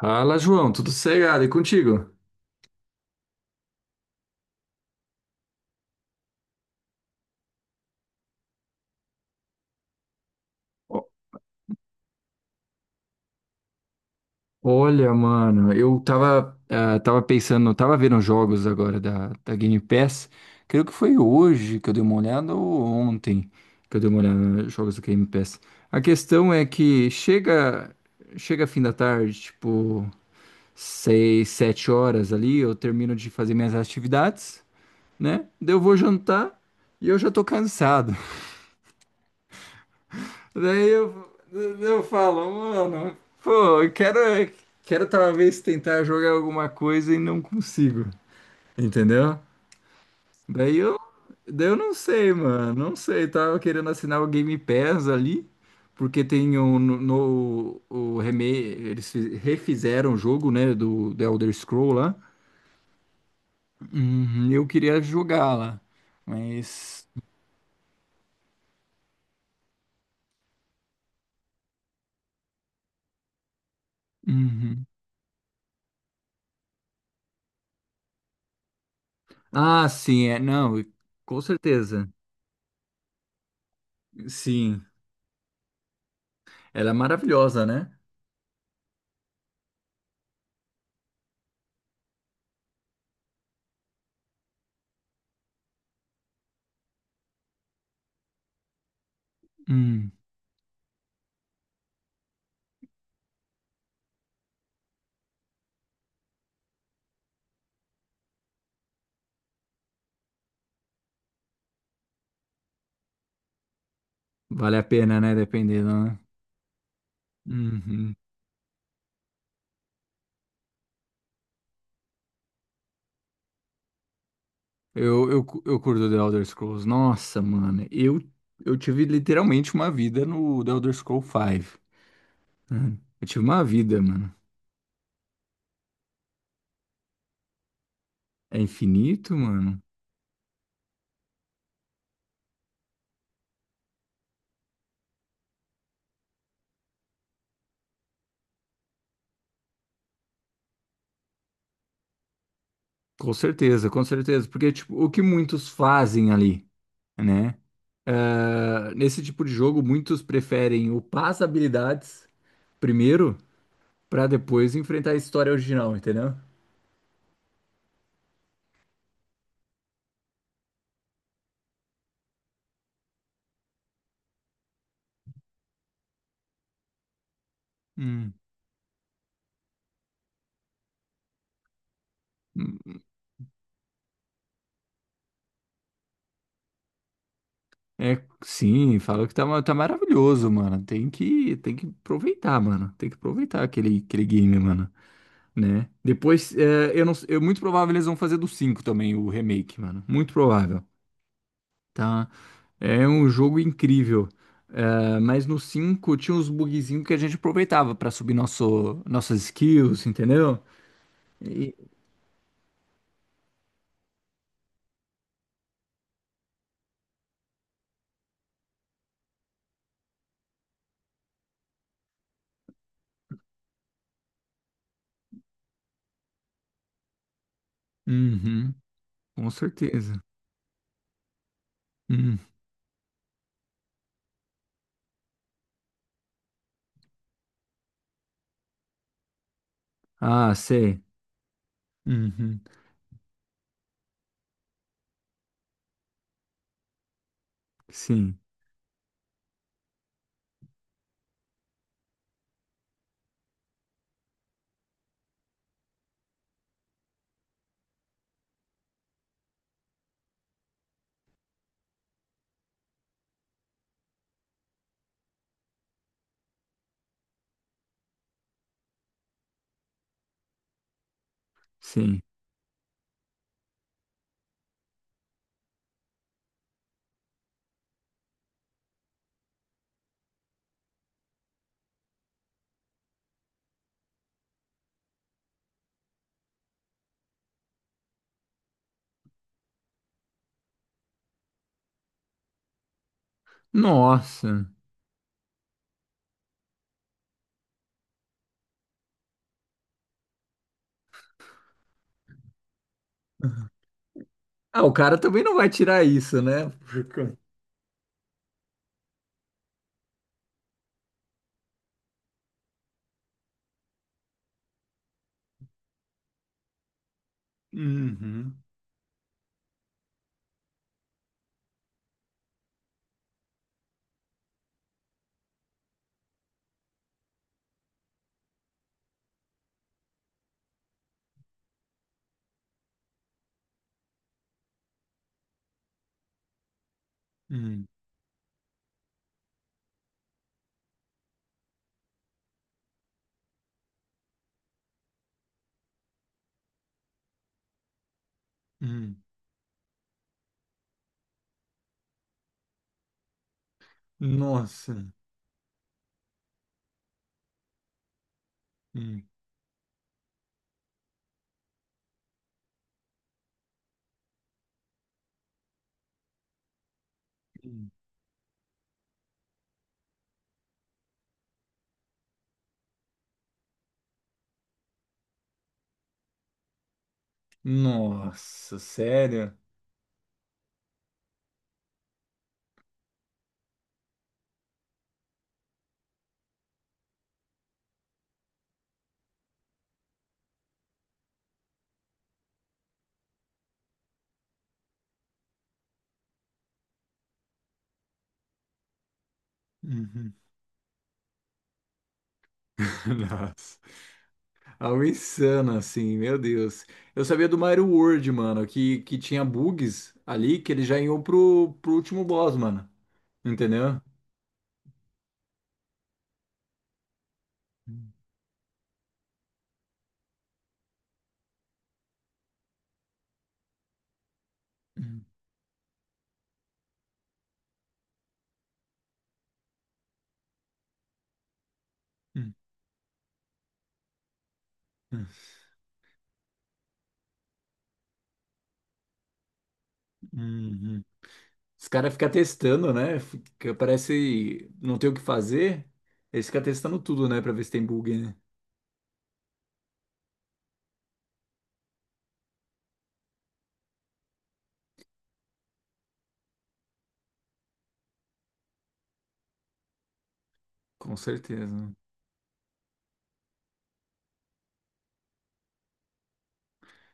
Fala, João, tudo sossegado e contigo? O- Olha, mano, eu tava, tava pensando, tava vendo os jogos agora da Game Pass. Creio que foi hoje que eu dei uma olhada ou ontem que eu dei uma olhada nos jogos da Game Pass. A questão é que chega fim da tarde, tipo, seis, sete horas ali, eu termino de fazer minhas atividades, né? Daí eu vou jantar e eu já tô cansado. Daí eu falo, mano, pô, quero talvez tentar jogar alguma coisa e não consigo, entendeu? Daí eu, daí eu não sei, mano, não sei. Tava querendo assinar o Game Pass ali, porque tem um o eles refizeram o jogo, né, do Elder Scroll lá. Uhum, eu queria jogar lá, mas. Uhum. Ah, sim, é, não, com certeza. Sim, ela é maravilhosa, né? Hum, vale a pena, né? Dependendo, né? Uhum. Eu curto The Elder Scrolls. Nossa, mano. Eu tive literalmente uma vida no The Elder Scrolls 5. Né? Eu tive uma vida, mano. É infinito, mano? Com certeza, com certeza. Porque, tipo, o que muitos fazem ali, né? Ah, nesse tipo de jogo, muitos preferem upar as habilidades primeiro, pra depois enfrentar a história original, entendeu? Hum. É, sim, fala que tá, tá maravilhoso, mano. Tem que aproveitar, mano. Tem que aproveitar aquele game, mano, né? Depois, é, eu não, eu, muito provável eles vão fazer do cinco também, o remake, mano. Muito provável, tá? É um jogo incrível. É, mas no 5 tinha uns bugzinhos que a gente aproveitava pra subir nosso, nossas skills, entendeu? E- Uhum, com certeza. Hum. Ah, sei. Uhum, sim, sim. Nossa. Ah, o cara também não vai tirar isso, né? Porque- Uhum, hum, hum. Nossa. Hum, hum, Nossa, sério? Uhum. Nossa. Algo insano, assim, meu Deus. Eu sabia do Mario World, mano, que tinha bugs ali que ele já iam pro último boss, mano. Entendeu? Hum, hum, hum, hum. Uhum. Os caras ficam testando, né? Fica- parece não ter o que fazer. Eles ficam testando tudo, né? Pra ver se tem bug, né? Com certeza, né?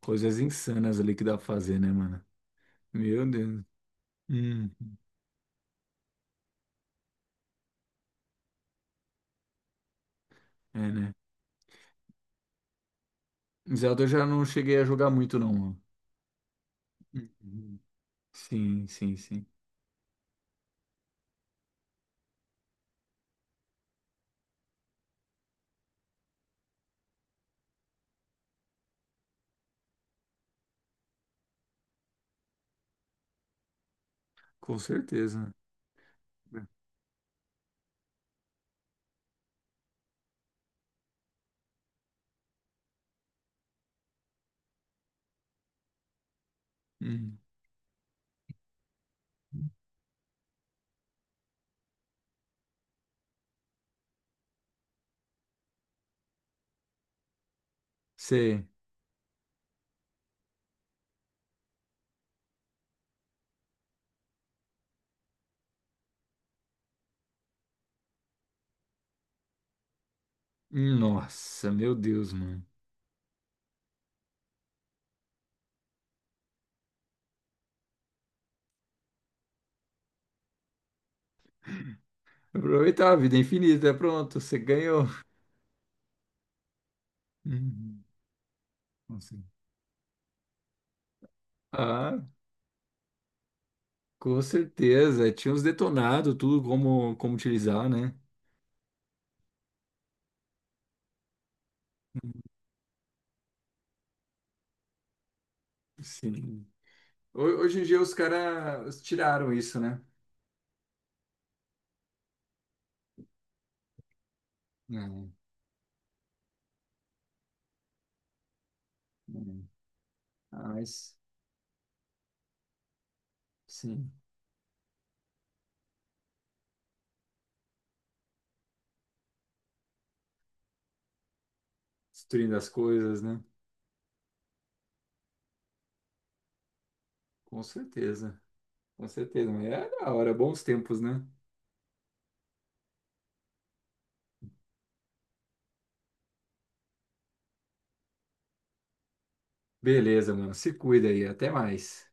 Coisas insanas ali que dá pra fazer, né, mano? Meu Deus. Hum, é, né? Zelda eu já não cheguei a jogar muito, não, mano. Uhum. Sim, sim, sim. Com certeza. Hum. Você. Nossa, meu Deus, mano. Aproveitar a vida é infinita, pronto, você ganhou. Uhum. Nossa. Ah, com certeza, tinha uns detonados, tudo como, como utilizar, né? Sim. Hoje em dia os caras tiraram isso, né? Não, não. Ah, mas sim, destruindo as coisas, né? Com certeza, com certeza. Mas é da hora, bons tempos, né? Beleza, mano. Se cuida aí, até mais.